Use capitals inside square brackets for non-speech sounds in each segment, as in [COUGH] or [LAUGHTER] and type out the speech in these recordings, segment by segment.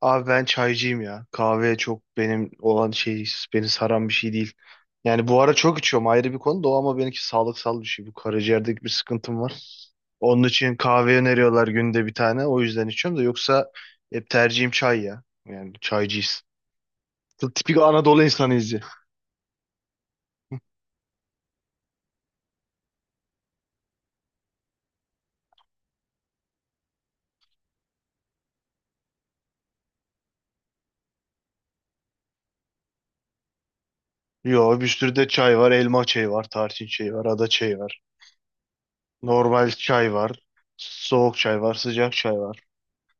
Abi ben çaycıyım ya. Kahve çok benim olan beni saran bir şey değil. Yani bu ara çok içiyorum ayrı bir konu da o, ama benimki sağlıksal bir şey. Bu karaciğerdeki bir sıkıntım var. Onun için kahve öneriyorlar günde bir tane. O yüzden içiyorum da, yoksa hep tercihim çay ya. Yani çaycıyız. Tipik Anadolu insanıyız ya. Yo, bir sürü de çay var. Elma çayı var, tarçın çayı var, ada çayı var. Normal çay var. Soğuk çay var, sıcak çay var.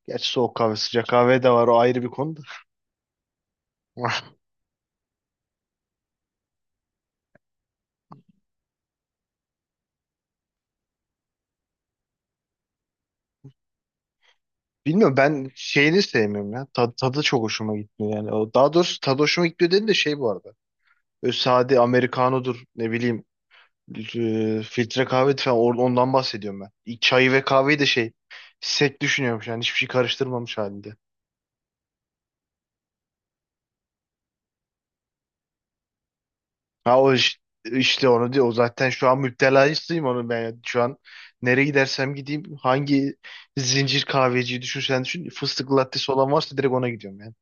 Gerçi soğuk kahve, sıcak kahve de var, o ayrı bir konu da. [LAUGHS] Bilmiyorum, ben şeyini sevmiyorum ya. Tadı çok hoşuma gitmiyor yani. Daha doğrusu tadı hoşuma gitmiyor dedim de şey bu arada. Böyle sade Amerikanodur, ne bileyim filtre kahve falan ondan bahsediyorum ben. Çayı ve kahveyi de şey sek düşünüyormuş, yani hiçbir şey karıştırmamış halinde. Ha o iş- işte, onu diyor. O zaten şu an müptelasıyım onu ben. Yani. Şu an nereye gidersem gideyim, hangi zincir kahveciyi düşünsen düşün, fıstıklı lattesi olan varsa direkt ona gidiyorum yani.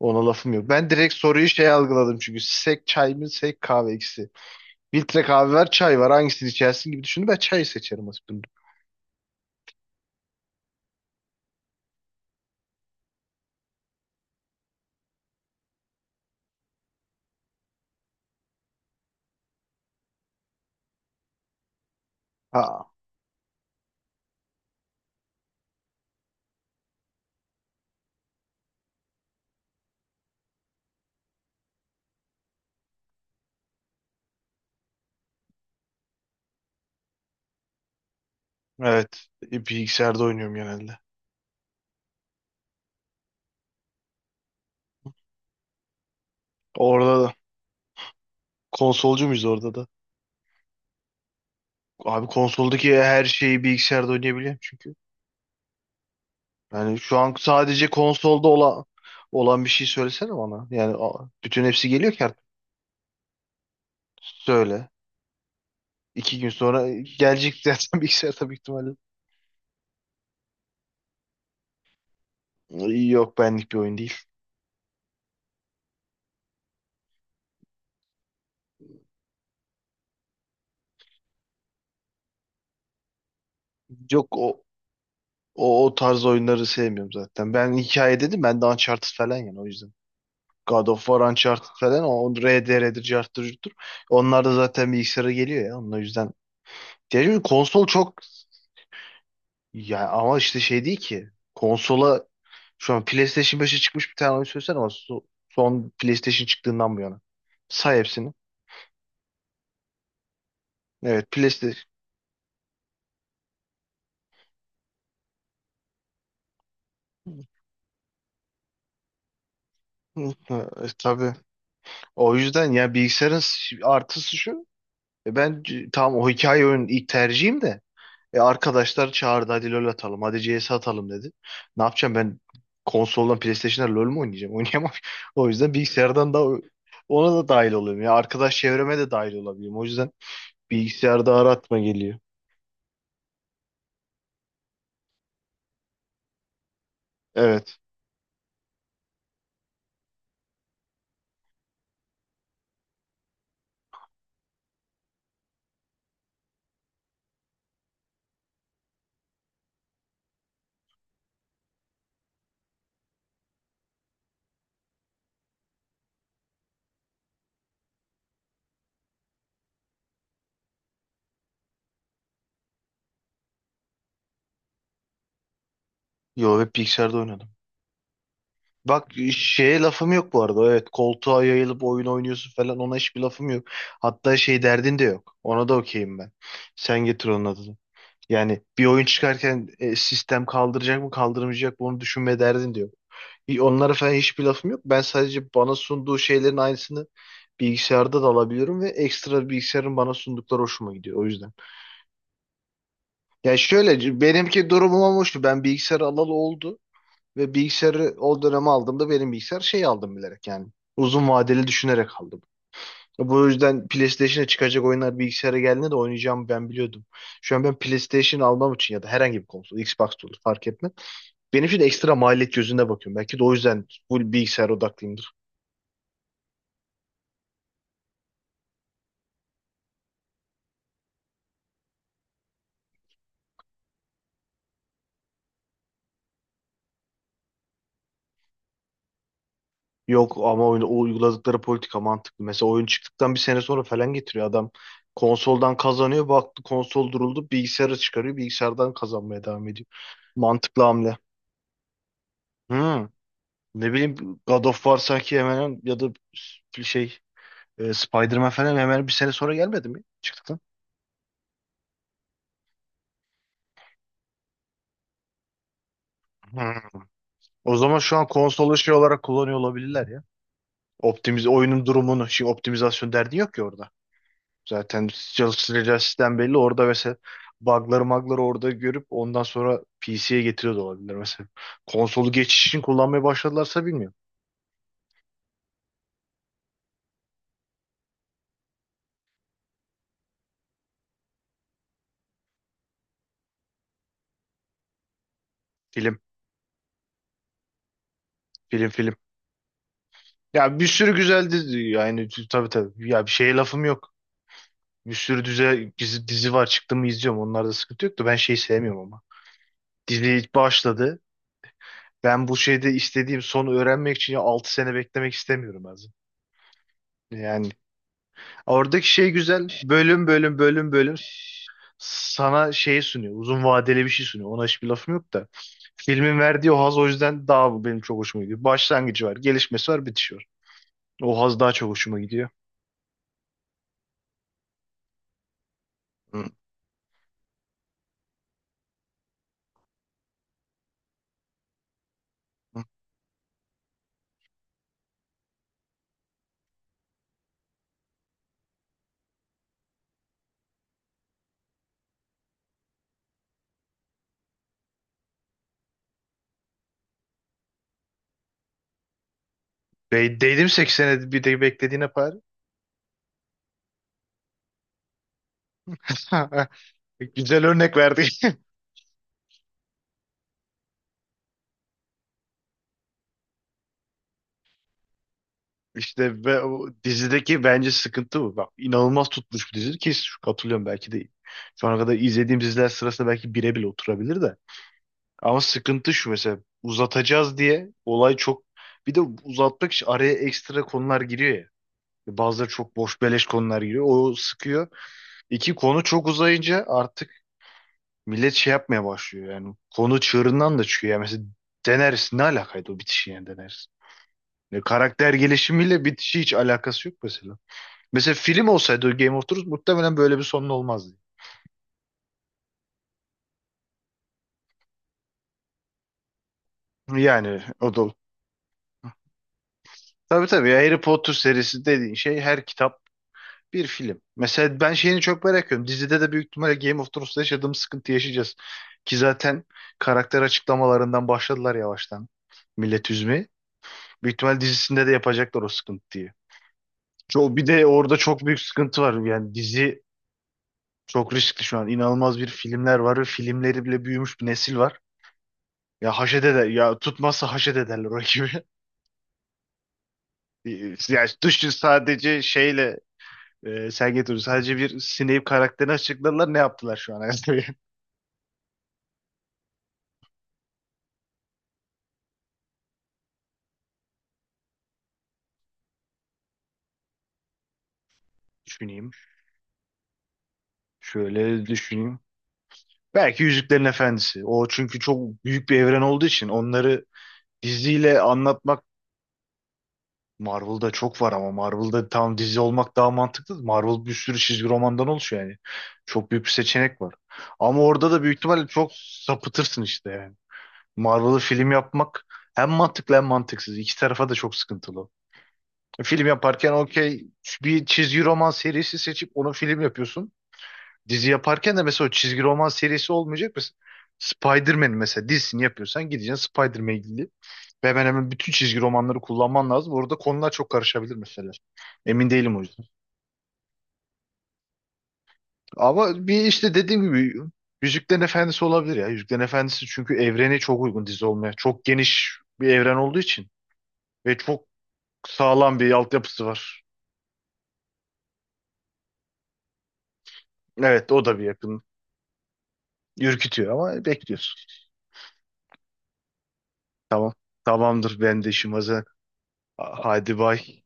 Ona lafım yok. Ben direkt soruyu şey algıladım, çünkü sek çay mı sek kahve ikisi. Filtre kahve var, çay var, hangisini içersin gibi düşündüm. Ben çayı seçerim aslında. Ha, evet. Bilgisayarda oynuyorum genelde. Orada da konsolcu muyuz orada da? Abi konsoldaki her şeyi bilgisayarda oynayabiliyorum çünkü. Yani şu an sadece konsolda olan bir şey söylesene bana. Yani bütün hepsi geliyor ki artık. Söyle. İki gün sonra gelecek zaten [LAUGHS] bilgisayar tabii ihtimalle. Yok, benlik bir oyun değil. Yok, o tarz oyunları sevmiyorum zaten. Ben hikaye dedim ben de, Uncharted falan, yani o yüzden. God of War, Uncharted falan, o RDR'dir, Charter'dır. Onlar da zaten bilgisayara geliyor ya. Onun o yüzden. Yani konsol çok, ya ama işte şey değil ki. Konsola şu an PlayStation 5'e çıkmış bir tane oyun söylesene ama son PlayStation çıktığından bu yana. Say hepsini. Evet, PlayStation. [LAUGHS] Tabii. O yüzden ya bilgisayarın artısı şu. Ben tamam o hikaye oyunun ilk tercihim de. E, arkadaşlar çağırdı, hadi LoL atalım. Hadi CS atalım dedi. Ne yapacağım ben, konsoldan PlayStation'da LoL mu oynayacağım? [LAUGHS] Oynayamam. O yüzden bilgisayardan da ona da dahil oluyorum. Ya arkadaş çevreme de dahil olabiliyorum. O yüzden bilgisayarda aratma geliyor. Evet. Yo, hep bilgisayarda oynadım. Bak şeye lafım yok bu arada. Evet, koltuğa yayılıp oyun oynuyorsun falan, ona hiçbir lafım yok. Hatta şey derdin de yok. Ona da okeyim ben. Sen getir onun adını. Yani bir oyun çıkarken sistem kaldıracak mı kaldırmayacak mı onu düşünme derdin diyor. Onlara falan hiçbir lafım yok. Ben sadece bana sunduğu şeylerin aynısını bilgisayarda da alabiliyorum ve ekstra bilgisayarın bana sundukları hoşuma gidiyor o yüzden. Yani şöyle benimki durumum ama hoştu. Ben bilgisayarı alalı oldu ve bilgisayarı o döneme aldığımda benim bilgisayar şey aldım bilerek yani. Uzun vadeli düşünerek aldım. Bu yüzden PlayStation'a çıkacak oyunlar bilgisayara geldiğinde de oynayacağımı ben biliyordum. Şu an ben PlayStation almam için ya da herhangi bir konsol, Xbox da olur fark etmez. Benim için de ekstra maliyet gözünde bakıyorum. Belki de o yüzden full bilgisayar odaklıyımdır. Yok ama oyun, o uyguladıkları politika mantıklı. Mesela oyun çıktıktan bir sene sonra falan getiriyor adam. Konsoldan kazanıyor. Baktı konsol duruldu. Bilgisayara çıkarıyor. Bilgisayardan kazanmaya devam ediyor. Mantıklı hamle. Hmm. Ne bileyim, God of War sanki hemen hemen ya da şey, Spider-Man falan hemen bir sene sonra gelmedi mi çıktıktan? Hmm. O zaman şu an konsolu şey olarak kullanıyor olabilirler ya. Optimiz oyunun durumunu, şimdi optimizasyon derdi yok ki orada. Zaten çalıştıracağı sistem belli. Orada mesela bug'ları magları orada görüp ondan sonra PC'ye getiriyor da olabilir mesela. Konsolu geçiş için kullanmaya başladılarsa bilmiyorum. Film, film, film. Ya bir sürü güzel dizi yani, tabii tabii. Ya bir şeye lafım yok. Bir sürü dizi var, çıktı mı izliyorum. Onlarda sıkıntı yok da, ben şeyi sevmiyorum ama. Dizi başladı. Ben bu şeyde istediğim sonu öğrenmek için ya 6 sene beklemek istemiyorum azim. Yani oradaki şey güzel. Bölüm bölüm bölüm bölüm sana şey sunuyor. Uzun vadeli bir şey sunuyor. Ona hiçbir lafım yok da. Filmin verdiği o haz o yüzden daha bu benim çok hoşuma gidiyor. Başlangıcı var, gelişmesi var, bitişi var. O haz daha çok hoşuma gidiyor. Hı. Hı. Değdim, 8 sene bir de beklediğine par. [LAUGHS] Güzel örnek verdi. [LAUGHS] İşte ve o dizideki bence sıkıntı bu. Bak inanılmaz tutmuş bir dizi ki, katılıyorum, belki de şu ana kadar izlediğim diziler sırasında belki bire bile oturabilir de. Ama sıkıntı şu, mesela uzatacağız diye olay çok, bir de uzatmak için araya ekstra konular giriyor ya. Bazıları çok boş beleş konular giriyor. O sıkıyor. İki konu çok uzayınca artık millet şey yapmaya başlıyor yani. Konu çığırından da çıkıyor. Yani mesela Daenerys ne alakaydı o bitişi yani Daenerys? Ya karakter gelişimiyle bitişi hiç alakası yok mesela. Mesela film olsaydı Game of Thrones muhtemelen böyle bir sonun olmazdı. Yani o da, tabii tabii ya, Harry Potter serisi dediğin şey her kitap bir film. Mesela ben şeyini çok merak ediyorum. Dizide de büyük ihtimalle Game of Thrones'ta yaşadığımız sıkıntı yaşayacağız. Ki zaten karakter açıklamalarından başladılar yavaştan, millet üzmeye. Büyük ihtimal dizisinde de yapacaklar o sıkıntıyı. Çok, bir de orada çok büyük sıkıntı var. Yani dizi çok riskli şu an. İnanılmaz bir filmler var ve filmleri bile büyümüş bir nesil var. Ya haşede de, ya tutmazsa haşet ederler o ekibi. Ee, Yani düşün sadece şeyle Sergey Dostoyevski sadece bir Snape karakterini açıkladılar. Ne yaptılar şu an? [LAUGHS] Düşüneyim. Şöyle düşüneyim. Belki Yüzüklerin Efendisi. O çünkü çok büyük bir evren olduğu için onları diziyle anlatmak. Marvel'da çok var ama Marvel'da tam dizi olmak daha mantıklı. Marvel bir sürü çizgi romandan oluşuyor yani. Çok büyük bir seçenek var. Ama orada da büyük ihtimalle çok sapıtırsın işte yani. Marvel'ı film yapmak hem mantıklı hem mantıksız. İki tarafa da çok sıkıntılı. Film yaparken okey, bir çizgi roman serisi seçip onu film yapıyorsun. Dizi yaparken de mesela o çizgi roman serisi olmayacak. Mesela Spider-Man mesela dizisini yapıyorsan gideceksin Spider-Man'le ilgili. Ve hemen hemen bütün çizgi romanları kullanman lazım. Orada konular çok karışabilir mesela. Emin değilim o yüzden. Ama bir işte dediğim gibi Yüzüklerin Efendisi olabilir ya. Yüzüklerin Efendisi, çünkü evrene çok uygun dizi olmaya. Çok geniş bir evren olduğu için. Ve çok sağlam bir altyapısı var. Evet, o da bir yakın. Ürkütüyor ama bekliyorsun. Tamam. Tamamdır. Ben de işim hazır. Hadi bay.